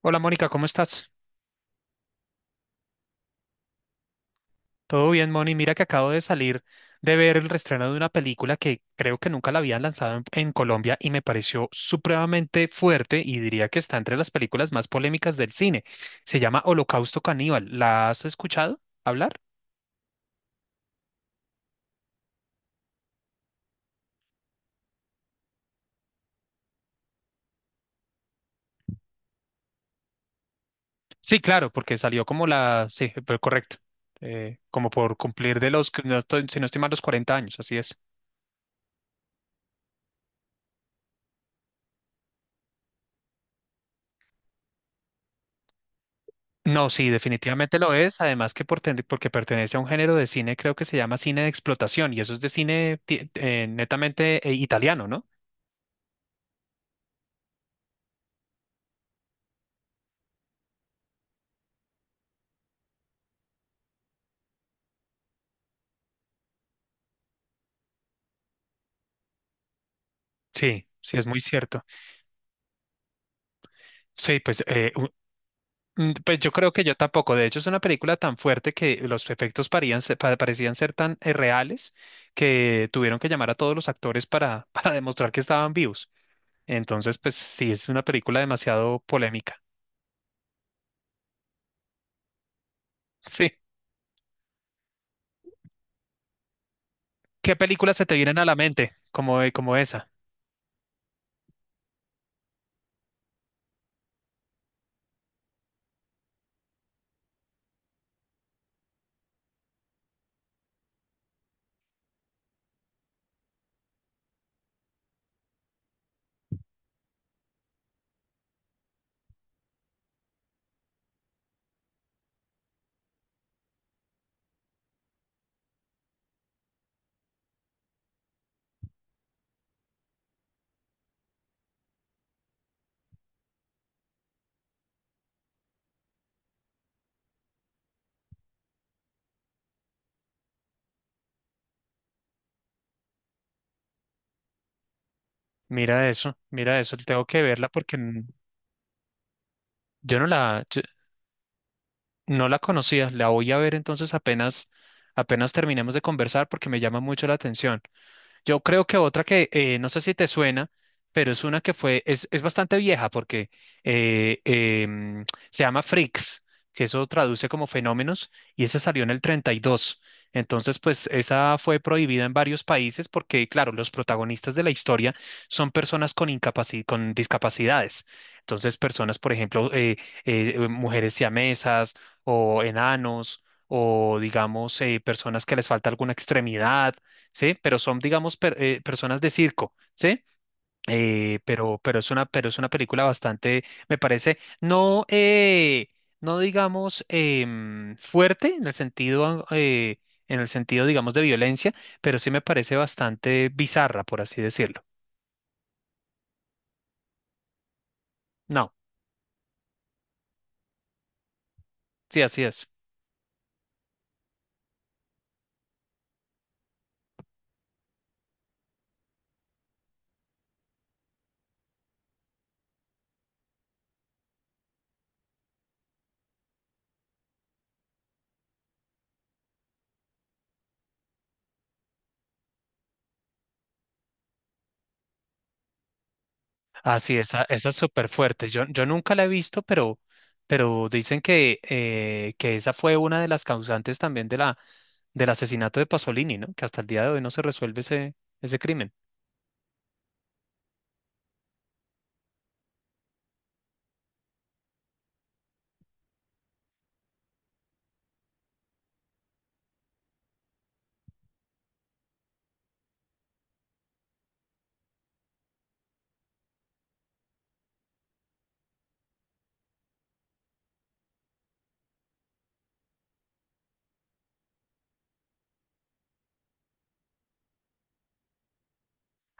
Hola Mónica, ¿cómo estás? Todo bien, Moni. Mira que acabo de salir de ver el reestreno de una película que creo que nunca la habían lanzado en Colombia y me pareció supremamente fuerte y diría que está entre las películas más polémicas del cine. Se llama Holocausto Caníbal. ¿La has escuchado hablar? Sí, claro, porque salió como la Sí, pero correcto. Como por cumplir de los, si no estoy mal, los 40 años, así es. No, sí, definitivamente lo es. Además que porque pertenece a un género de cine, creo que se llama cine de explotación, y eso es de cine netamente italiano, ¿no? Sí, sí, es muy cierto. Sí, pues, eh, u- pues yo creo que yo tampoco. De hecho, es una película tan fuerte que los efectos parecían ser tan reales que tuvieron que llamar a todos los actores para, para demostrar que estaban vivos. Entonces, pues sí, es una película demasiado polémica. Sí. ¿Qué películas se te vienen a la mente como, como esa? Mira eso, tengo que verla porque yo no la conocía, la voy a ver entonces apenas terminemos de conversar porque me llama mucho la atención. Yo creo que otra que no sé si te suena, pero es una que es bastante vieja porque eh, em, se llama Freaks, que eso traduce como fenómenos, y esa salió en el 32. Entonces, pues esa fue prohibida en varios países porque, claro, los protagonistas de la historia son personas con con discapacidades. Entonces, personas, por ejemplo, mujeres siamesas o enanos, o digamos, personas que les falta alguna extremidad, ¿sí? Pero son, digamos, personas de circo, ¿sí? Pero es una, pero es una película bastante, me parece, no digamos, fuerte en el sentido, digamos, de violencia, pero sí me parece bastante bizarra, por así decirlo. No, sí, así es. Así, esa es súper fuerte. Yo nunca la he visto, pero dicen que esa fue una de las causantes también de la, del asesinato de Pasolini, ¿no? Que hasta el día de hoy no se resuelve ese crimen.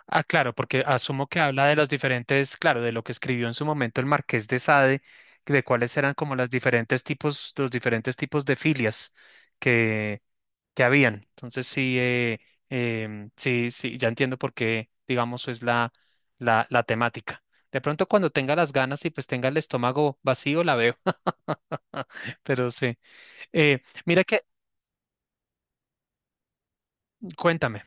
Ah, claro, porque asumo que habla de los diferentes, claro, de lo que escribió en su momento el Marqués de Sade, que de cuáles eran como los diferentes tipos de filias que habían. Entonces sí, sí, sí, ya entiendo por qué, digamos, es la temática. De pronto cuando tenga las ganas y pues tenga el estómago vacío, la veo. Pero sí. Eh, mira que, cuéntame,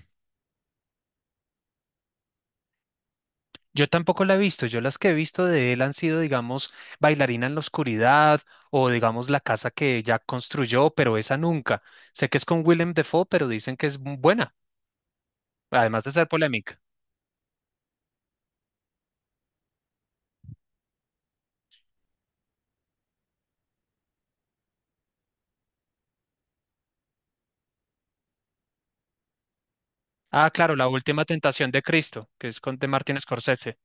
yo tampoco la he visto. Yo las que he visto de él han sido, digamos, Bailarina en la oscuridad o, digamos, La casa que ya construyó, pero esa nunca. Sé que es con Willem Dafoe, pero dicen que es buena, además de ser polémica. Ah, claro, La Última Tentación de Cristo, que es con de Martin Scorsese.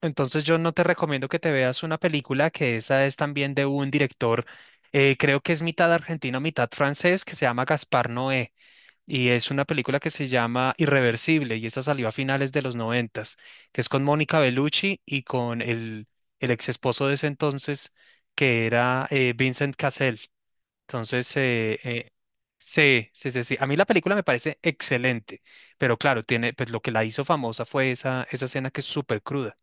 Entonces yo no te recomiendo que te veas una película que esa es también de un director, creo que es mitad argentino, mitad francés, que se llama Gaspar Noé. Y es una película que se llama Irreversible, y esa salió a finales de los noventas, que es con Mónica Bellucci y con el ex esposo de ese entonces, que era Vincent Cassel. Entonces, sí, sí, sí, sí. A mí la película me parece excelente, pero claro, tiene, pues lo que la hizo famosa fue esa, esa escena que es súper cruda.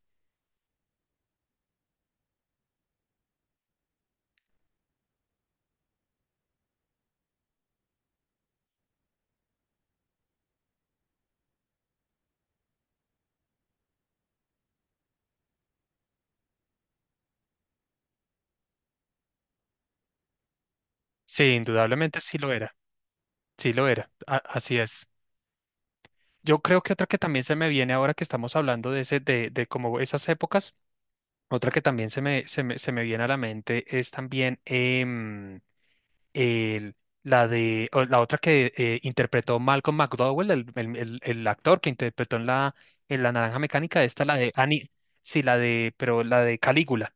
Sí, indudablemente sí lo era, así es. Yo creo que otra que también se me viene ahora que estamos hablando de ese, de como esas épocas. Otra que también se me viene a la mente es también el- la de o la otra que interpretó Malcolm McDowell, el actor que interpretó en La Naranja Mecánica, esta la de Annie, sí, la de, pero la de Calígula,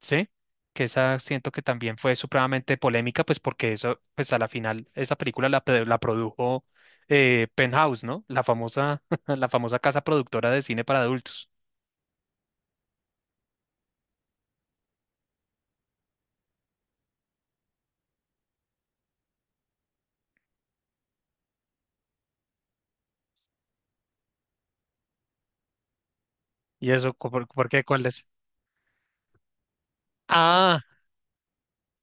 ¿sí? Que esa siento que también fue supremamente polémica, pues porque eso, pues a la final, esa película la produjo Penthouse, ¿no? La famosa, la famosa casa productora de cine para adultos. ¿Y eso, por qué? ¿Cuál es? Ah,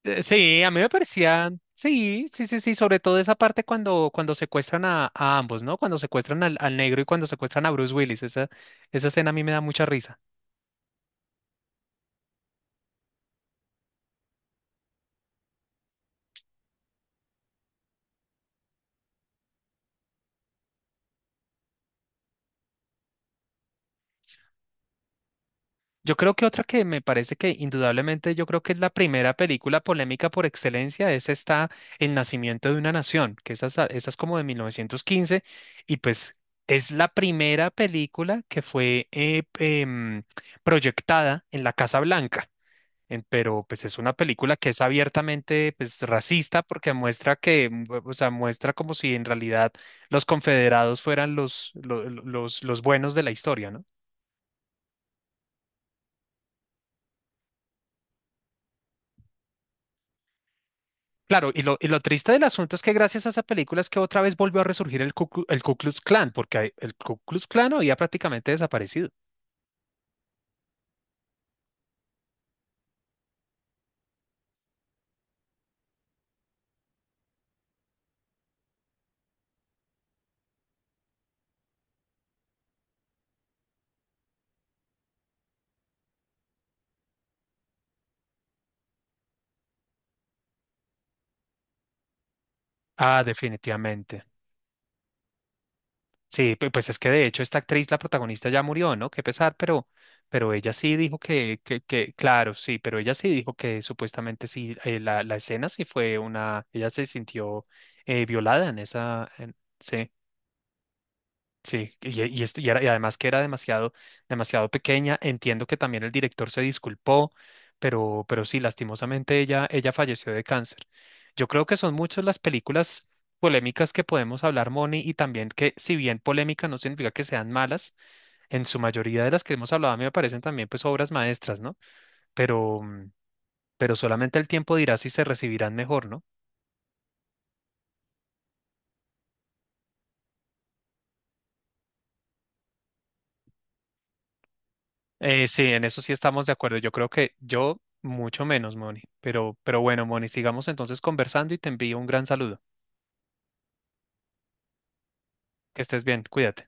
Sí, a mí me parecían, sí, sí, sí, sí, sobre todo esa parte cuando, cuando secuestran a ambos, ¿no? Cuando secuestran al negro y cuando secuestran a Bruce Willis, esa escena a mí me da mucha risa. Yo creo que otra que me parece que indudablemente yo creo que es la primera película polémica por excelencia es esta El nacimiento de una nación, que esa, esa es como de 1915 y pues es la primera película que fue proyectada en la Casa Blanca. Pero pues es una película que es abiertamente pues racista porque muestra que, mm, o sea, muestra como si en realidad los confederados fueran los, lo- los buenos de la historia, ¿no? Claro, y lo triste del asunto es que gracias a esa película es que otra vez volvió a resurgir el el Ku Klux Klan, porque el Ku Klux Klan había prácticamente desaparecido. Ah, definitivamente. Sí, pues es que de hecho esta actriz, la protagonista, ya murió, ¿no? Qué pesar, pero ella sí dijo que, claro, sí, pero ella sí dijo que supuestamente sí, la escena sí fue una, ella se sintió violada en esa, sí. Sí, y además que era demasiado, demasiado pequeña. Entiendo que también el director se disculpó, pero sí, lastimosamente ella falleció de cáncer. Yo creo que son muchas las películas polémicas que podemos hablar, Moni, y también que si bien polémica no significa que sean malas, en su mayoría de las que hemos hablado a mí me parecen también pues obras maestras, ¿no? Pero, mm, pero solamente el tiempo dirá si se recibirán mejor, ¿no? Sí, en eso sí estamos de acuerdo. Yo creo que yo mucho menos, Moni. Pero bueno, Moni, sigamos entonces conversando y te envío un gran saludo. Que estés bien, cuídate.